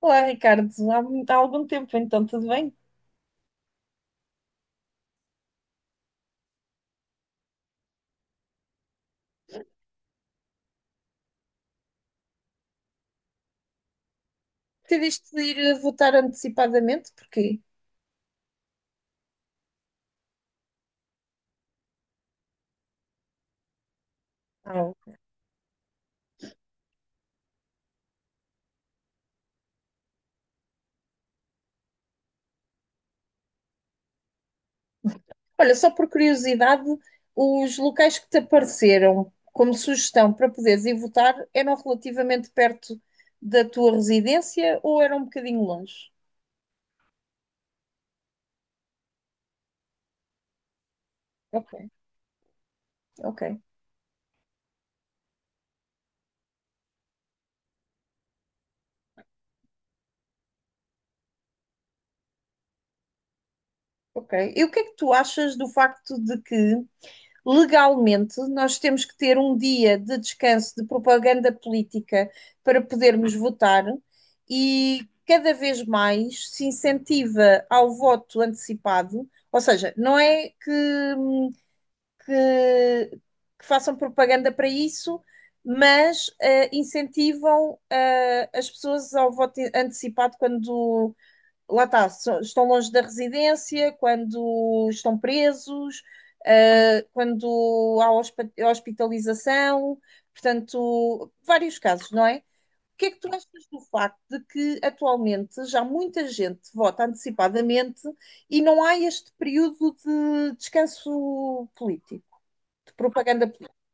Olá, Ricardo. Há algum tempo, então, tudo bem? Tiveste de ir a votar antecipadamente? Porquê? Não. Olha, só por curiosidade, os locais que te apareceram como sugestão para poderes ir votar eram relativamente perto da tua residência ou eram um bocadinho longe? Ok, ok, ok. E o que é que tu achas do facto de que legalmente, nós temos que ter um dia de descanso de propaganda política para podermos votar e cada vez mais se incentiva ao voto antecipado, ou seja, não é que- que façam propaganda para isso, mas incentivam as pessoas ao voto antecipado quando, lá está, estão longe da residência, quando estão presos, quando há hospitalização, portanto, vários casos, não é? O que é que tu achas do facto de que atualmente já muita gente vota antecipadamente e não há este período de descanso político, de propaganda política?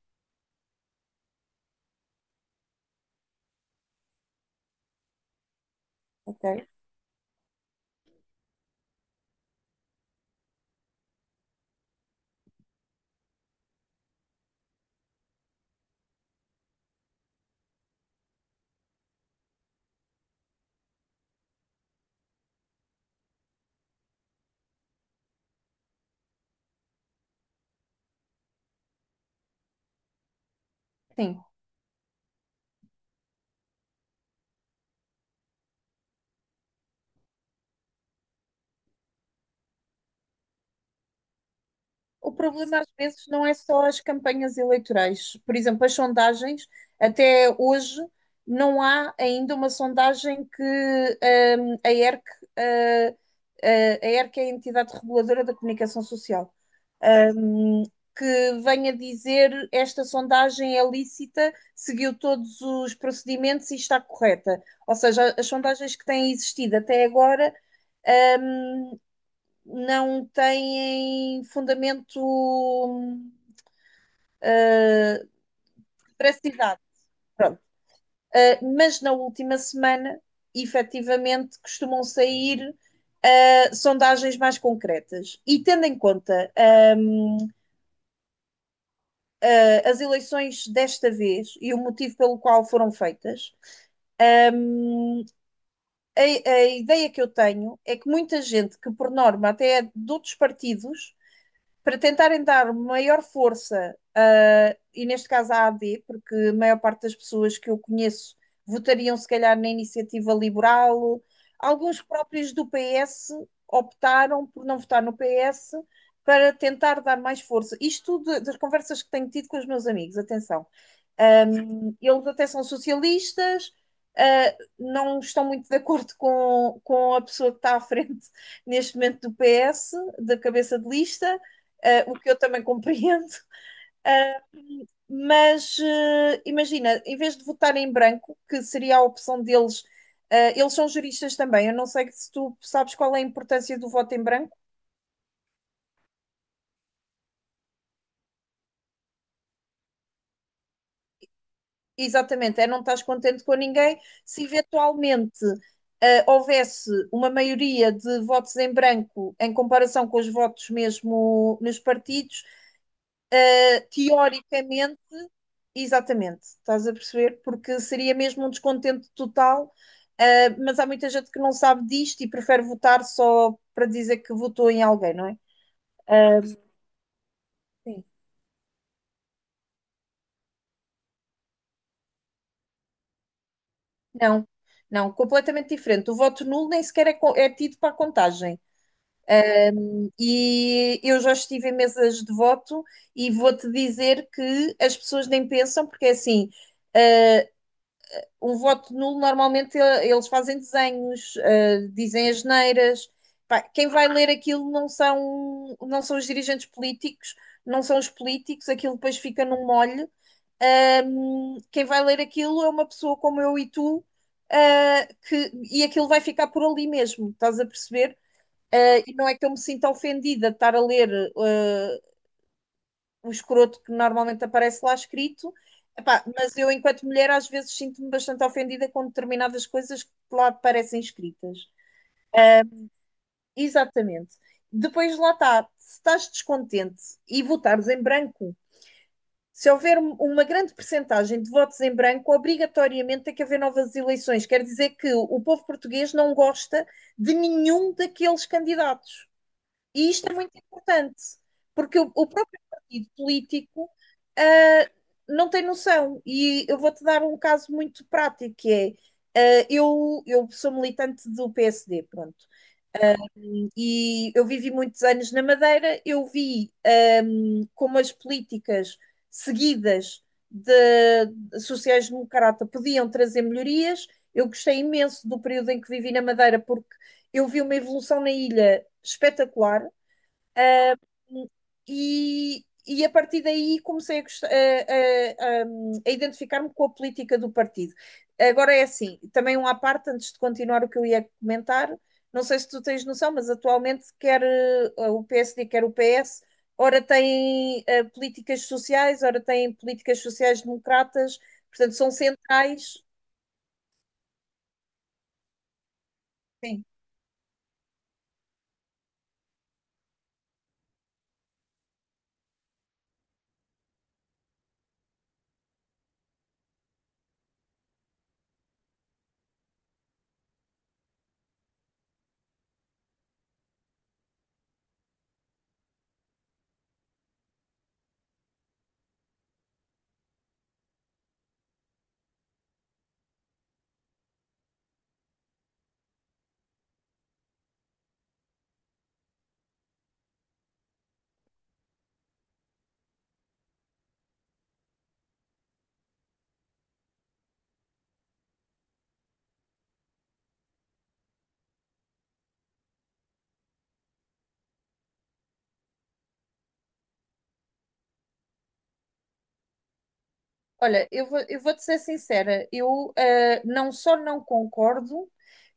Ok? Sim. O problema às vezes não é só as campanhas eleitorais. Por exemplo, as sondagens, até hoje, não há ainda uma sondagem que a ERC, eh, a ERC é a entidade reguladora da comunicação social, hum, que venha dizer esta sondagem é lícita, seguiu todos os procedimentos e está correta. Ou seja, as sondagens que têm existido até agora hum, não têm fundamento de veracidade. Pronto. Ah, mas na última semana, efetivamente, costumam sair ah, sondagens mais concretas. E tendo em conta hum, as eleições desta vez e o motivo pelo qual foram feitas, hum, a, a ideia que eu tenho é que muita gente que, por norma, até é de outros partidos, para tentarem dar maior força, ah, e neste caso à AD, porque a maior parte das pessoas que eu conheço votariam se calhar na iniciativa liberal, alguns próprios do PS optaram por não votar no PS para tentar dar mais força. Isto das conversas que tenho tido com os meus amigos, atenção. Um, eles até são socialistas, não estão muito de acordo com a pessoa que está à frente neste momento do PS, da cabeça de lista, o que eu também compreendo. Mas imagina, em vez de votar em branco, que seria a opção deles, eles são juristas também. Eu não sei se tu sabes qual é a importância do voto em branco. Exatamente, é não estás contente com ninguém. Se eventualmente ah, houvesse uma maioria de votos em branco em comparação com os votos mesmo nos partidos, ah, teoricamente, exatamente, estás a perceber? Porque seria mesmo um descontento total, ah, mas há muita gente que não sabe disto e prefere votar só para dizer que votou em alguém, não é? Ah, sim. Não, não, completamente diferente. O voto nulo nem sequer é, é tido para a contagem. E eu já estive em mesas de voto e vou-te dizer que as pessoas nem pensam, porque é assim, eh, um voto nulo normalmente eles fazem desenhos, dizem asneiras. Pá, quem vai ler aquilo não são, não são os dirigentes políticos, não são os políticos, aquilo depois fica num molho. Quem vai ler aquilo é uma pessoa como eu e tu, e aquilo vai ficar por ali mesmo, estás a perceber? Ah, e não é que eu me sinta ofendida de estar a ler ah, o escroto que normalmente aparece lá escrito. Epá, mas eu, enquanto mulher, às vezes sinto-me bastante ofendida com determinadas coisas que lá aparecem escritas. Exatamente. Depois lá está, se estás descontente e votares em branco, se houver uma grande percentagem de votos em branco, obrigatoriamente tem que haver novas eleições. Quer dizer que o povo português não gosta de nenhum daqueles candidatos. E isto é muito importante, porque o próprio partido político ah, não tem noção. E eu vou-te dar um caso muito prático, que é, ah, eu sou militante do PSD, pronto. E eu vivi muitos anos na Madeira, eu vi ah, como as políticas seguidas de sociais-democrata podiam trazer melhorias. Eu gostei imenso do período em que vivi na Madeira, porque eu vi uma evolução na ilha espetacular. E a partir daí comecei a, gost- a identificar-me com a política do partido. Agora é assim, também um à parte, antes de continuar o que eu ia comentar, não sei se tu tens noção, mas atualmente quer eh, o PSD, quer o PS, ora tem eh, políticas sociais, ora tem políticas sociais democratas, portanto são centrais. Sim. Olha, eu vou-te ser sincera, eu não só não concordo,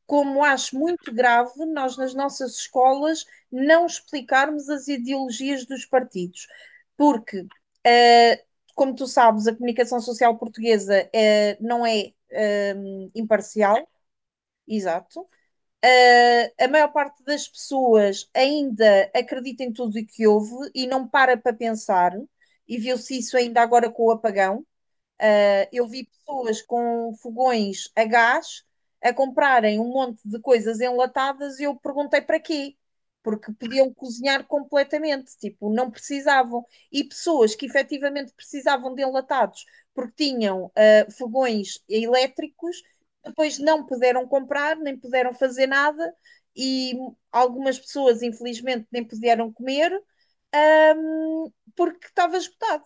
como acho muito grave nós nas nossas escolas não explicarmos as ideologias dos partidos, porque, eh, como tu sabes, a comunicação social portuguesa não é imparcial, exato. Eh, a maior parte das pessoas ainda acredita em tudo o que houve e não para para pensar, e viu-se isso ainda agora com o apagão ah, eu vi pessoas com fogões a gás a comprarem um monte de coisas enlatadas e eu perguntei para quê? Porque podiam cozinhar completamente, tipo, não precisavam. E pessoas que efetivamente precisavam de enlatados porque tinham ah, fogões elétricos, depois não puderam comprar, nem puderam fazer nada, e algumas pessoas, infelizmente, nem puderam comer, porque estava esgotado.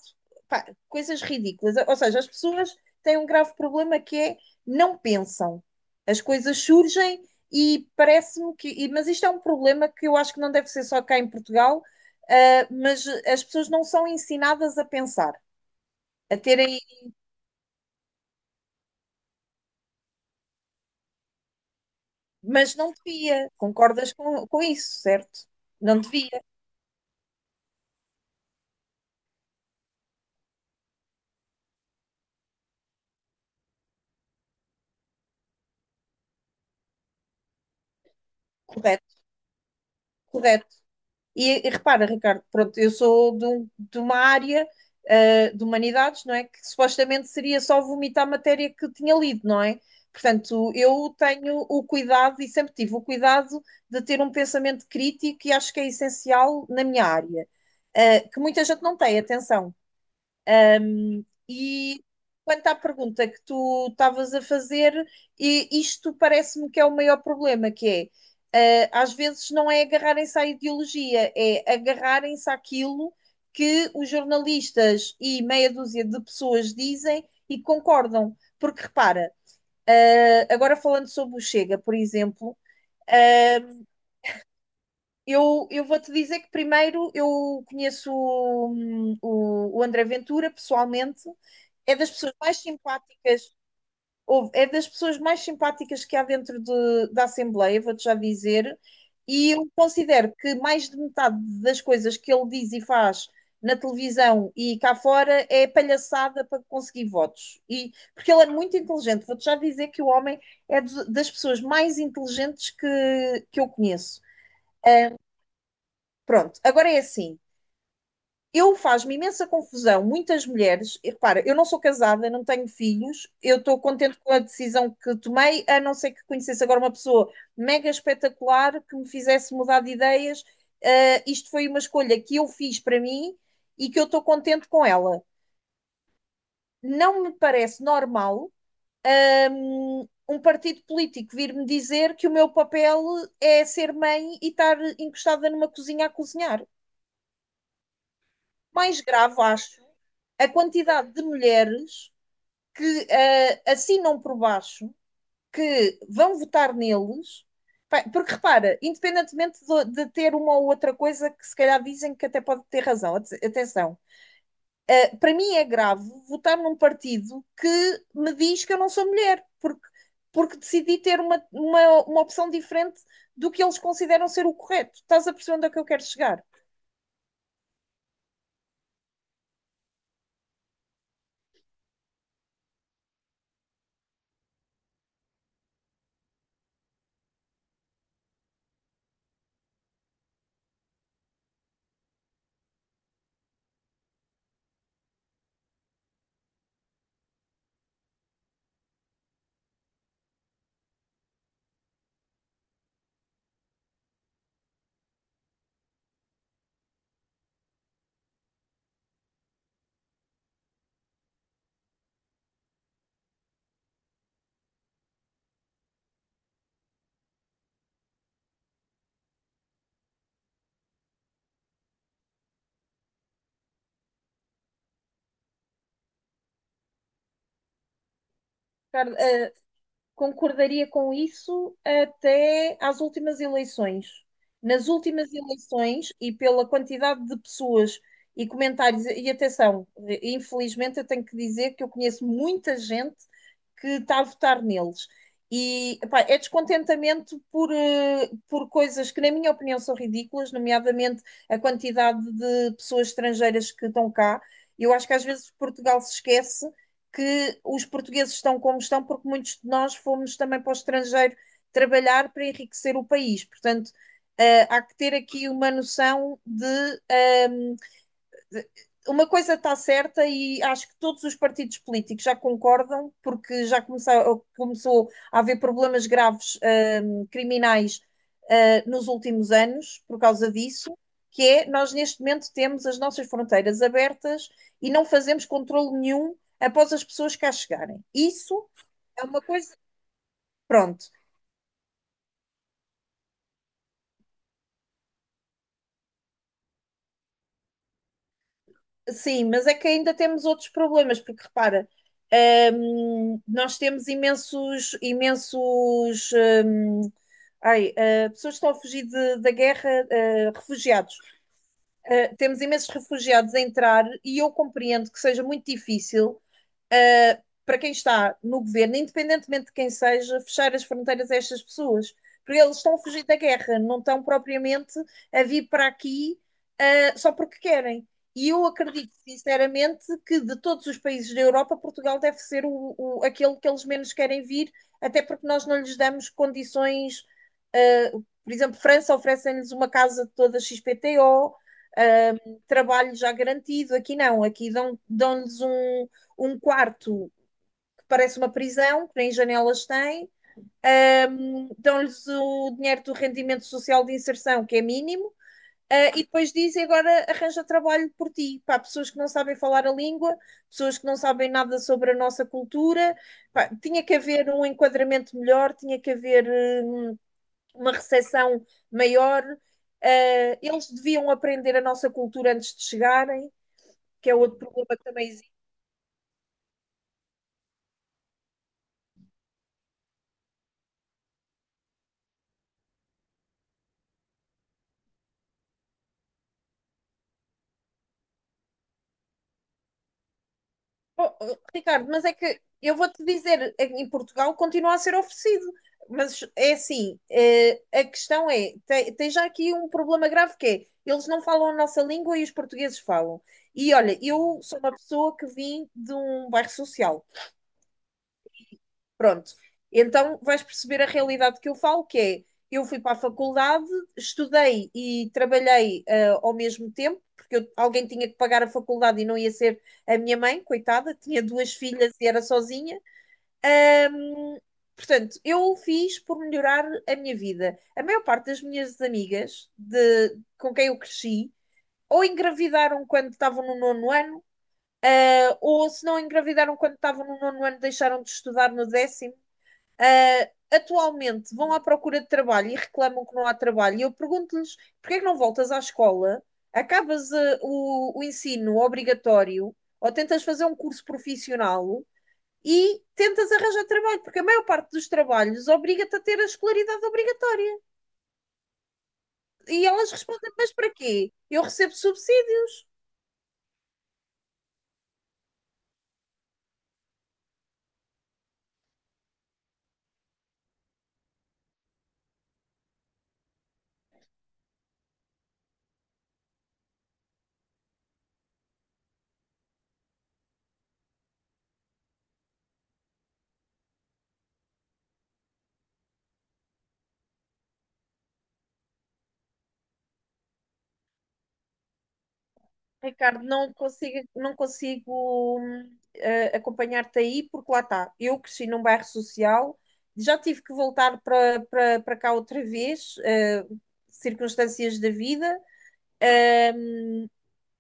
Pá, coisas ridículas. Ou seja, as pessoas têm um grave problema que é não pensam. As coisas surgem e parece-me que. Mas isto é um problema que eu acho que não deve ser só cá em Portugal, ah, mas as pessoas não são ensinadas a pensar, a terem. Mas não devia. Concordas com isso, certo? Não devia. Correto, correto. E repara, Ricardo, pronto, eu sou de uma área, ah, de humanidades, não é? Que supostamente seria só vomitar a matéria que tinha lido, não é? Portanto, eu tenho o cuidado e sempre tive o cuidado de ter um pensamento crítico e acho que é essencial na minha área, ah, que muita gente não tem, atenção. E quanto à pergunta que tu estavas a fazer, e isto parece-me que é o maior problema, que é, às vezes não é agarrarem-se à ideologia, é agarrarem-se àquilo que os jornalistas e meia dúzia de pessoas dizem e concordam. Porque repara, agora falando sobre o Chega, por exemplo, eh, eu vou-te dizer que primeiro eu conheço o André Ventura pessoalmente é das pessoas mais simpáticas, é das pessoas mais simpáticas que há dentro da Assembleia, vou-te já dizer, e eu considero que mais de metade das coisas que ele diz e faz na televisão e cá fora é palhaçada para conseguir votos. E, porque ele é muito inteligente, vou-te já dizer que o homem é das pessoas mais inteligentes que eu conheço. Pronto, agora é assim. Eu faz-me imensa confusão. Muitas mulheres, e repara, eu não sou casada, não tenho filhos, eu estou contente com a decisão que tomei, a não ser que conhecesse agora uma pessoa mega espetacular que me fizesse mudar de ideias. Ah, isto foi uma escolha que eu fiz para mim e que eu estou contente com ela. Não me parece normal um partido político vir-me dizer que o meu papel é ser mãe e estar encostada numa cozinha a cozinhar. Mais grave, acho, a quantidade de mulheres que ah, assinam por baixo que vão votar neles. Porque repara, independentemente ter uma ou outra coisa que se calhar dizem que até pode ter razão, atenção, ah, para mim é grave votar num partido que me diz que eu não sou mulher, porque, porque decidi ter uma opção diferente do que eles consideram ser o correto. Estás a perceber onde é que eu quero chegar? Ricardo, ah, concordaria com isso até às últimas eleições. Nas últimas eleições, e pela quantidade de pessoas e comentários, e atenção, infelizmente eu tenho que dizer que eu conheço muita gente que está a votar neles. E epá, é descontentamento por, por coisas que, na minha opinião, são ridículas, nomeadamente a quantidade de pessoas estrangeiras que estão cá. Eu acho que às vezes Portugal se esquece que os portugueses estão como estão, porque muitos de nós fomos também para o estrangeiro trabalhar para enriquecer o país. Portanto, há que ter aqui uma noção de. Um, uma coisa está certa e acho que todos os partidos políticos já concordam, porque já começou, começou a haver problemas graves criminais nos últimos anos por causa disso, que é nós neste momento temos as nossas fronteiras abertas e não fazemos controle nenhum após as pessoas cá chegarem. Isso é uma coisa, pronto. Sim, mas é que ainda temos outros problemas, porque repara, nós temos imensos, ah, pessoas que estão a fugir da guerra, ah, refugiados. Ah, temos imensos refugiados a entrar e eu compreendo que seja muito difícil uh, para quem está no governo, independentemente de quem seja, fechar as fronteiras a estas pessoas. Porque eles estão a fugir da guerra, não estão propriamente a vir para aqui só porque querem. E eu acredito, sinceramente, que de todos os países da Europa, Portugal deve ser aquele que eles menos querem vir, até porque nós não lhes damos condições. Por exemplo, França oferece lhes uma casa toda XPTO, trabalho já garantido. Aqui não, aqui dão-lhes um, um quarto que parece uma prisão, que nem janelas tem, um, dão-lhes o dinheiro do rendimento social de inserção, que é mínimo. E depois dizem agora arranja trabalho por ti. Pá, pessoas que não sabem falar a língua, pessoas que não sabem nada sobre a nossa cultura. Pá, tinha que haver um enquadramento melhor, tinha que haver uh, uma recepção maior. Eles deviam aprender a nossa cultura antes de chegarem, que é outro problema que também existe. Oh, oh, Ricardo, mas é que eu vou-te dizer, em Portugal continua a ser oferecido. Mas é assim, a questão é, tem já aqui um problema grave que é, eles não falam a nossa língua e os portugueses falam. E olha, eu sou uma pessoa que vim de um bairro social. Pronto. Então vais perceber a realidade que eu falo, que é eu fui para a faculdade, estudei e trabalhei ao mesmo tempo, porque alguém tinha que pagar a faculdade e não ia ser a minha mãe, coitada, tinha duas filhas e era sozinha. Ahm, Portanto, eu fiz por melhorar a minha vida. A maior parte das minhas amigas de, com quem eu cresci ou engravidaram quando estavam no nono ano, ou se não engravidaram quando estavam no nono ano, deixaram de estudar no décimo. Atualmente vão à procura de trabalho e reclamam que não há trabalho, e eu pergunto-lhes porque é que não voltas à escola, acabas o ensino obrigatório ou tentas fazer um curso profissional e tentas arranjar trabalho, porque a maior parte dos trabalhos obriga-te a ter a escolaridade obrigatória. E elas respondem: Mas para quê? Eu recebo subsídios. Ricardo, não consigo acompanhar-te aí, porque lá está. Eu cresci num bairro social, já tive que voltar para cá outra vez, circunstâncias da vida,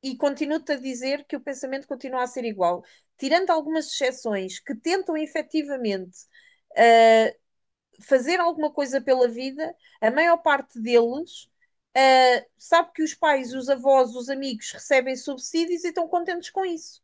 e continuo-te a dizer que o pensamento continua a ser igual. Tirando algumas exceções que tentam efetivamente eh, fazer alguma coisa pela vida, a maior parte deles sabe que os pais, os avós, os amigos recebem subsídios e estão contentes com isso.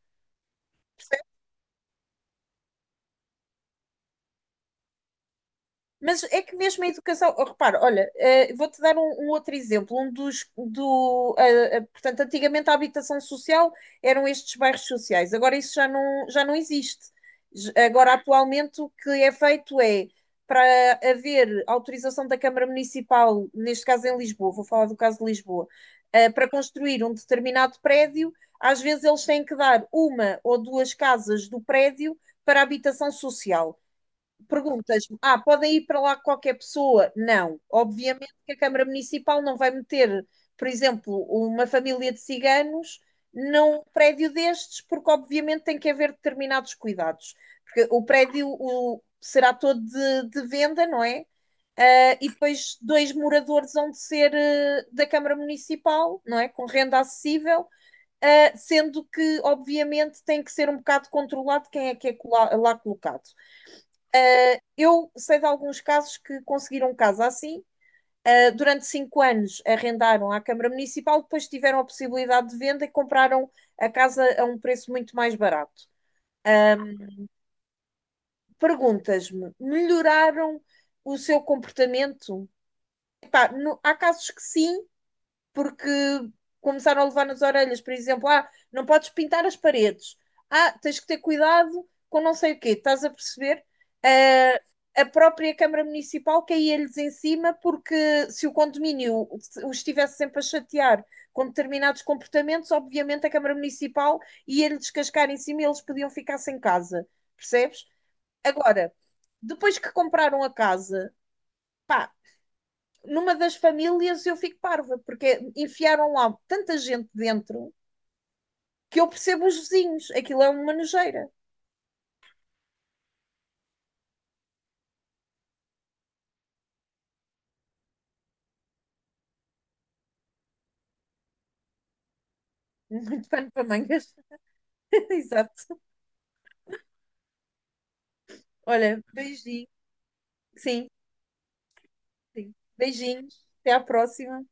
Mas é que mesmo a educação, oh, repara, olha, vou-te dar um, um outro exemplo. Um dos do, ah, ah, Portanto, antigamente a habitação social eram estes bairros sociais. Agora isso já não existe. Agora, atualmente, o que é feito é para haver autorização da Câmara Municipal, neste caso em Lisboa, vou falar do caso de Lisboa, para construir um determinado prédio, às vezes eles têm que dar uma ou duas casas do prédio para habitação social. Perguntas-me, podem ir para lá qualquer pessoa? Não, obviamente que a Câmara Municipal não vai meter, por exemplo, uma família de ciganos num prédio destes, porque obviamente tem que haver determinados cuidados. Porque será todo de venda, não é? Ah, e depois dois moradores vão de ser da Câmara Municipal, não é? Com renda acessível, sendo que, obviamente, tem que ser um bocado controlado quem é que é lá colocado. Eu sei de alguns casos que conseguiram casa assim. Durante 5 anos arrendaram à Câmara Municipal, depois tiveram a possibilidade de venda e compraram a casa a um preço muito mais barato. Perguntas-me, melhoraram o seu comportamento? Epá, no, há casos que sim, porque começaram a levar nas orelhas, por exemplo, não podes pintar as paredes, tens que ter cuidado com não sei o quê, estás a perceber? Ah, a própria Câmara Municipal caía-lhes em cima porque se o condomínio os estivesse sempre a chatear com determinados comportamentos, obviamente a Câmara Municipal ia-lhe descascar em cima e eles podiam ficar sem casa, percebes? Agora, depois que compraram a casa, pá, numa das famílias eu fico parva, porque enfiaram lá tanta gente dentro que eu percebo os vizinhos. Aquilo é uma nojeira. Muito pano para mangas. Exato. Olha, beijinho. Sim, sim. Beijinhos. Até à próxima.